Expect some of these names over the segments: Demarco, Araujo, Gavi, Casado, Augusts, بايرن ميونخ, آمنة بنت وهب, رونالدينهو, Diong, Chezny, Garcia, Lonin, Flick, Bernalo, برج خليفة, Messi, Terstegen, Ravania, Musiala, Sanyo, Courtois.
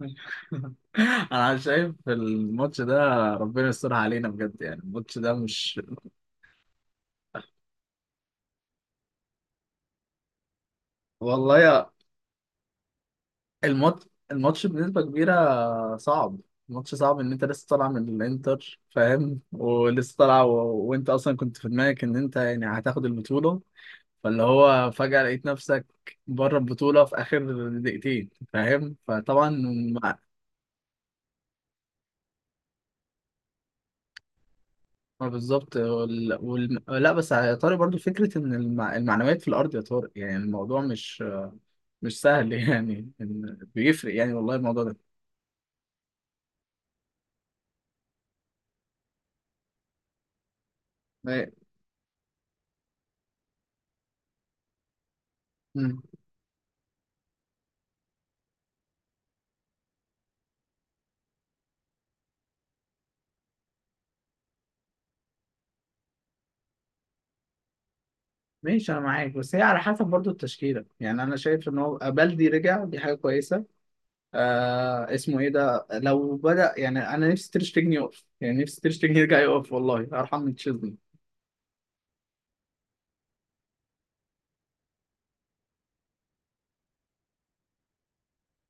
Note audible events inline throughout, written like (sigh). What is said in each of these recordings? (laughs) انا شايف الماتش ده. ربنا يسترها علينا بجد. يعني الماتش ده مش... والله يا... الماتش بنسبة كبيرة صعب. الماتش صعب ان انت لسه طالع من الانتر، فاهم، ولسه طالع و... وانت اصلا كنت في دماغك ان انت يعني هتاخد البطولة، فاللي هو فجأة لقيت نفسك بره البطولة في اخر دقيقتين، فاهم، فطبعا مع... ما بالظبط. لا بس يا طارق، برضو فكرة ان الم... المعنويات في الارض، يا طارق يعني الموضوع مش مش سهل (laughs) يعني بيفرق يعني، والله الموضوع ده ما- مم. ماشي انا معاك، بس هي على حسب برضو التشكيله. يعني انا شايف ان هو بلدي رجع، دي حاجه كويسه. آه، اسمه ايه ده، لو بدا يعني، انا نفسي تيرشتجن يقف، يعني نفسي تيرشتجن يرجع يقف، والله ارحم من تشيزني.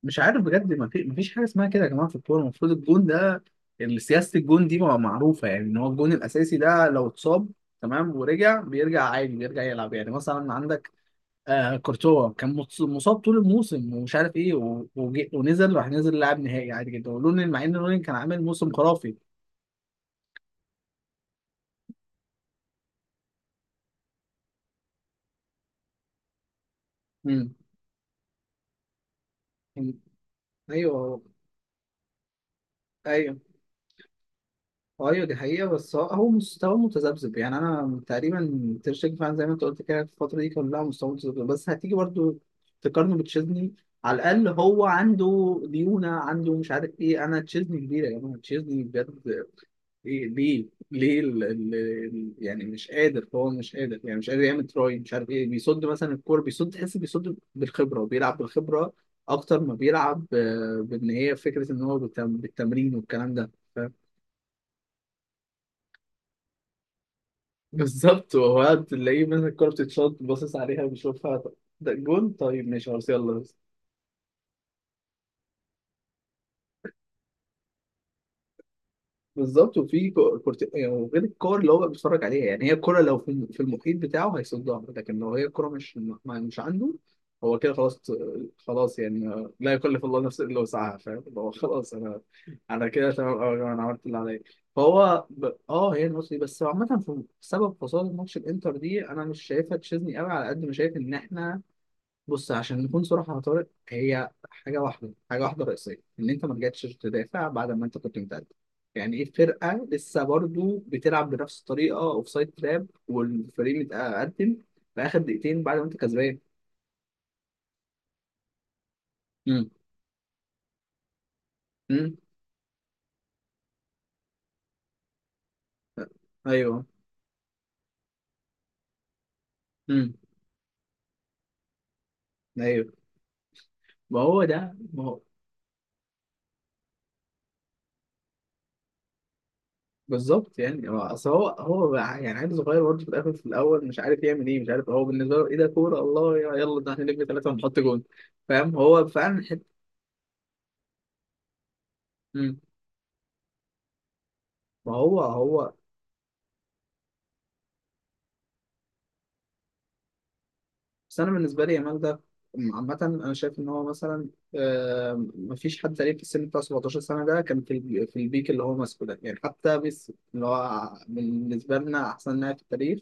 مش عارف بجد، ما في ما فيش حاجه اسمها كده يا جماعه. في الكوره المفروض الجون ده، سياسه الجون دي معروفه، يعني ان هو الجون الاساسي ده لو اتصاب تمام ورجع، بيرجع عادي، بيرجع يلعب. يعني مثلا عندك آه كورتوا، كان مصاب طول الموسم ومش عارف ايه ونزل، راح نزل لعب نهائي عادي جدا، ولونين، مع ان لونين كان عامل موسم خرافي. امم. ايوه، ايوه، ايوه دي حقيقة. بس هو مستواه متذبذب. يعني انا تقريبا تير شتيجن فعلا زي ما انت قلت كده، في الفترة دي كلها مستواه متذبذب، بس هتيجي برضو تقارنه بتشيزني، على الاقل هو عنده ديونة، عنده مش عارف ايه. انا تشيزني كبيرة يا جماعة، تشيزني بجد. ليه، ليه، ليه، يعني مش قادر، هو مش قادر، يعني مش قادر يعمل تراي مش عارف ايه، بيصد مثلا الكوره، بيصد، تحس بيصد بالخبره وبيلعب بالخبره اكتر ما بيلعب. آه، هي فكره ان هو بالتمرين والكلام ده. فاهم؟ (laughs) بالظبط، وهو تلاقيه مثلا الكوره بتتشط باصص عليها، بيشوفها، طب ده جون، طيب ماشي خلاص يلا. بالظبط. وفي كورت يعني، وغير الكور اللي هو بقى بيتفرج عليها. يعني هي الكوره لو في في المحيط بتاعه هيصدها، لكن لو هي الكوره مش مش عنده، هو كده خلاص، خلاص. يعني لا يكلف الله نفسا الا وسعها، فاهم، اللي هو خلاص انا كده تمام أوي يا جماعة، انا عملت اللي عليا. فهو اه، هي الماتش دي بس عامة، في سبب خسارة ماتش الانتر دي، انا مش شايفها تشيزني قوي على قد ما شايف ان احنا... بص، عشان نكون صراحة يا طارق، هي حاجة واحدة، حاجة واحدة رئيسية، إن أنت ما رجعتش تدافع بعد ما أنت كنت متقدم. يعني إيه فرقة لسه برضو بتلعب بنفس الطريقة أوف سايد تراب، والفريق متقدم في آخر دقيقتين بعد ما أنت كسبان؟ امم. امم. أيوه. امم. أيوه. ما هو ده، ما هو بالظبط. يعني هو أصل هو يعني عيل صغير برضه، في الآخر في الأول مش عارف يعمل إيه، مش عارف هو بالنسبة له إيه ده، كورة الله يلا ده هنلف 3 ونحط جون. فاهم، هو فعلا حتة... ما هو هو. بس انا بالنسبه لي يامال ده عامه انا شايف ان هو مثلا آه، مفيش حد تقريبا في السن بتاع 17 سنه ده كان في في البيك اللي هو ماسكه ده، يعني حتى بس اللي هو بالنسبه لنا احسن لاعب في التاريخ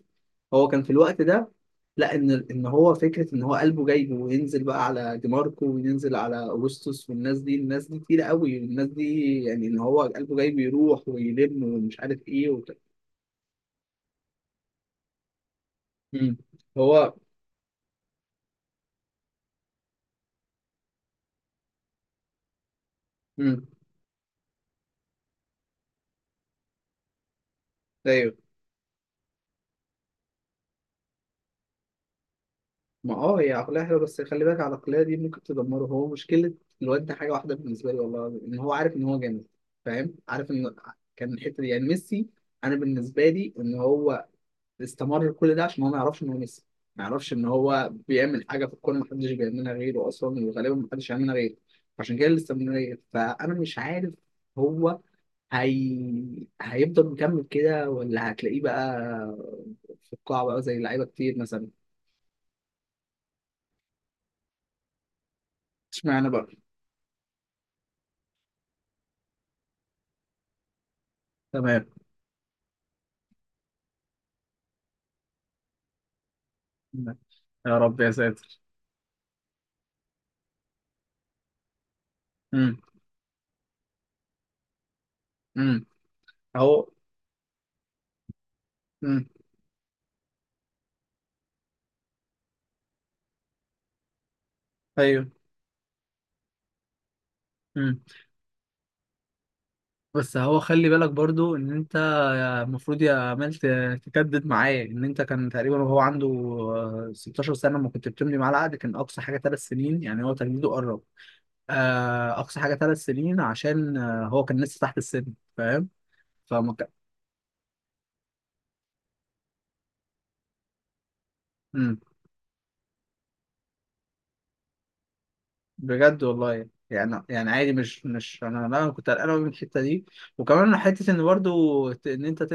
هو كان في الوقت ده. لا، ان هو فكره ان هو قلبه جايبه وينزل بقى على ديماركو وينزل على اوغسطس، والناس دي، الناس دي تقيله قوي، الناس دي يعني ان هو قلبه جايبه يروح ويلم ومش عارف ايه وت... مم. هو... امم. ما اه، هي عقلية حلوة، بس خلي بالك العقلية دي ممكن تدمره. هو مشكلة الواد ده حاجة واحدة بالنسبة لي والله، إن هو عارف إن هو جامد، فاهم، عارف إن... كان الحتة دي يعني ميسي. أنا بالنسبة لي إن هو استمر كل ده عشان هو ما يعرفش إن هو ميسي، ما يعرفش إن هو بيعمل حاجة في الكورة محدش بيعملها غيره أصلا، وغالبا محدش يعملها غيره، عشان كده الاستمرارية. فأنا مش عارف هو هيفضل مكمل كده، ولا هتلاقيه بقى في القاع بقى زي لعيبة كتير مثلا. اشمعنى بقى؟ تمام. يا رب يا ساتر. امم. امم. اهو. امم. ايوه. امم. بس هو خلي بالك برضو ان انت المفروض يا عمال تجدد معاه، ان انت كان تقريبا وهو عنده آه، 16 سنه، ما كنت بتمضي معاه العقد كان اقصى حاجه 3 سنين، يعني هو تجديده قرب. آه، اقصى حاجه 3 سنين عشان آه، هو كان لسه تحت السن، فاهم، فما كان... بجد والله؟ يعني يعني عادي مش مش انا... لا، انا كنت قلقان أوي من الحته دي. وكمان حته ان برضو ان انت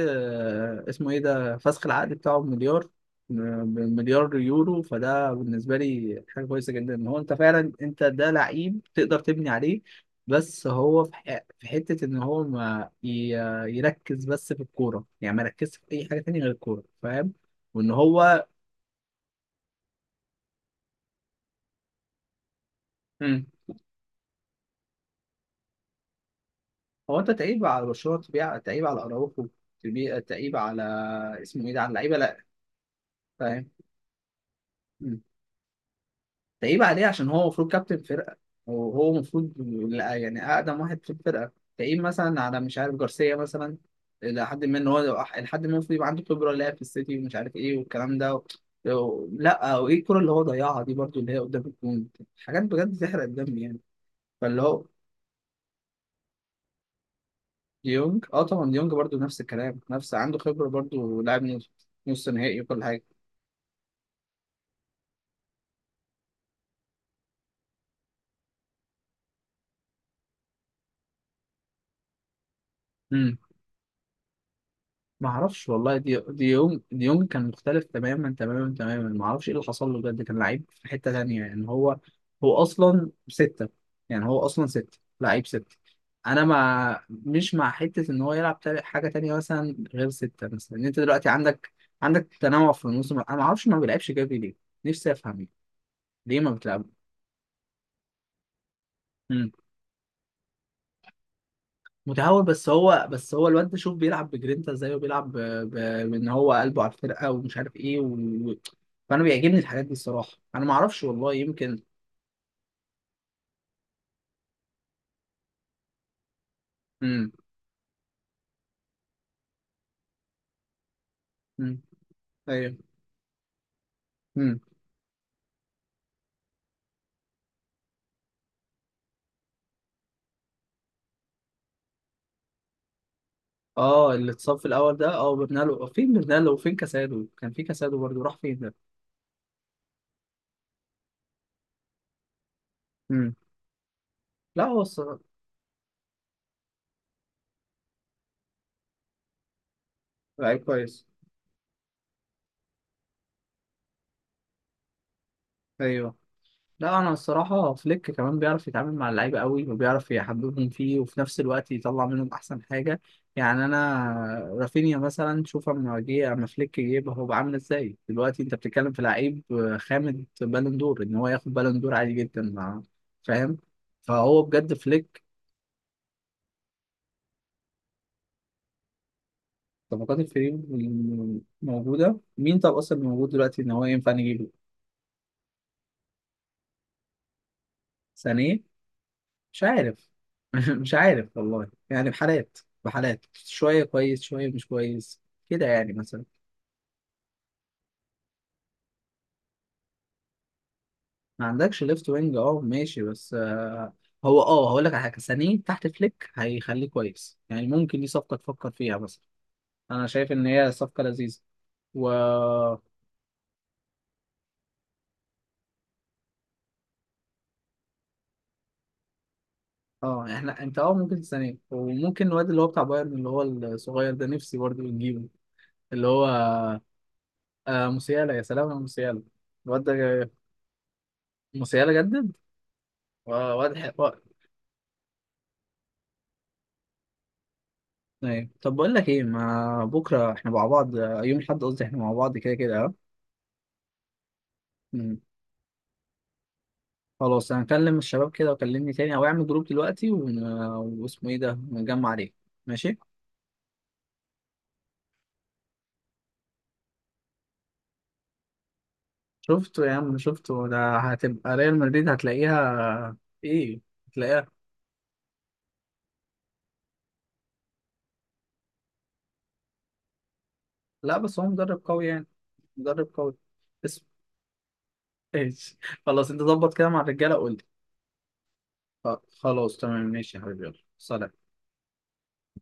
اسمه ايه ده فسخ العقد بتاعه بمليار. بمليار يورو، فده بالنسبه لي حاجه كويسه جدا، ان هو انت فعلا انت ده لعيب تقدر تبني عليه. بس هو في في حته ان هو ما ي... يركز بس في الكوره، يعني ما يركزش في اي حاجه تانية غير الكوره، فاهم، وان هو... هو انت تعيب على برشلونه؟ تبيع، تعيب على اراوخو. تبيع، تعيب على اسمه ايه ده، على اللعيبه. لا، فاهم. مم. تعيب عليه عشان هو المفروض كابتن فرقه، وهو المفروض... لا، يعني اقدم واحد في الفرقه. تعيب مثلا على مش عارف جارسيا مثلا، لحد ما ان هو لحد ما المفروض يبقى عنده خبره، لاعب في السيتي ومش عارف ايه والكلام ده و... لا، وايه الكره اللي هو ضيعها دي برضو اللي هي قدام الجون، حاجات بجد تحرق الدم يعني. فاللي هو... ديونج اه، طبعا ديونج برضو نفس الكلام، نفس عنده خبره برضو، لاعب نص، نص نهائي وكل حاجه. امم. ما اعرفش والله، دي يوم، دي يوم كان مختلف تماما تماما تماما، ما اعرفش ايه اللي حصل له بجد، كان لعيب في حتة تانية. يعني هو هو اصلا ستة، يعني هو اصلا ستة لعيب ستة. انا ما مش مع حتة ان هو يلعب حاجة تانية مثلا غير ستة، مثلا ان انت دلوقتي عندك تنوع في الموسم. انا ما اعرفش، ما بيلعبش جافي ليه؟ نفسي افهم، ليه ما بتلعب؟ متهور، بس هو الواد ده شوف بيلعب بجرينتا ازاي، وبيلعب بان هو قلبه على الفرقه ومش عارف ايه و... فانا بيعجبني الحاجات دي الصراحه. انا ما اعرفش والله، يمكن. امم. امم. ايوه. امم. اه، اللي اتصاب في الاول ده، اه برنالو، فين برنالو وفين كاسادو؟ كان في كاسادو برضه، راح فين ده؟ امم. لا، هو الصراحه لعيب كويس. ايوه. لا، انا الصراحه فليك كمان بيعرف يتعامل مع اللعيبه قوي، وبيعرف يحببهم فيه، وفي نفس الوقت يطلع منهم احسن حاجه. يعني انا... رافينيا مثلا، شوف اما جه، اما فليك جه يبقى هو بعمل ازاي؟ دلوقتي انت بتتكلم في لعيب خامد، بالون دور، ان هو ياخد بالون دور عادي جدا مع... فاهم، فهو بجد فليك... طبقات الفريق موجوده مين؟ طب اصلا موجود دلوقتي ان هو ينفع نجيبه؟ سانيه. مش عارف (laughs) مش عارف والله، يعني بحالات، بحالات شوية كويس شوية مش كويس، كده يعني مثلا. ما عندكش ليفت وينج، اه ماشي، بس آه، هو اه، هقول لك على حاجة سانيه تحت فليك هيخليه كويس، يعني ممكن دي صفقة تفكر فيها مثلا. انا شايف ان هي صفقة لذيذة. و اه... آه، احنا انت اه، ممكن سانيه وممكن الواد اللي هو بتاع بايرن اللي هو الصغير ده نفسي برضه نجيبه، اللي هو... آه موسيالا، يا سلام يا موسيالا، الواد ده. موسيالا جدد؟ واد. ايوه، طب بقول لك ايه، ما بكره احنا مع بعض آه، يوم الاحد، قصدي احنا مع بعض كده كده اه. مم. خلاص، انا هكلم الشباب كده وكلمني تاني، او اعمل جروب دلوقتي واسمه ايه ده ونجمع عليه. ماشي. شفته يا عم، شفته، ده هتبقى ريال مدريد، هتلاقيها. ايه. هتلاقيها. لا، بس هو مدرب قوي يعني، مدرب قوي. اسم. ايش (laughs) خلاص، انت ظبط كده مع الرجاله قول لي. خلاص تمام، ماشي يا حبيبي، يلا سلام.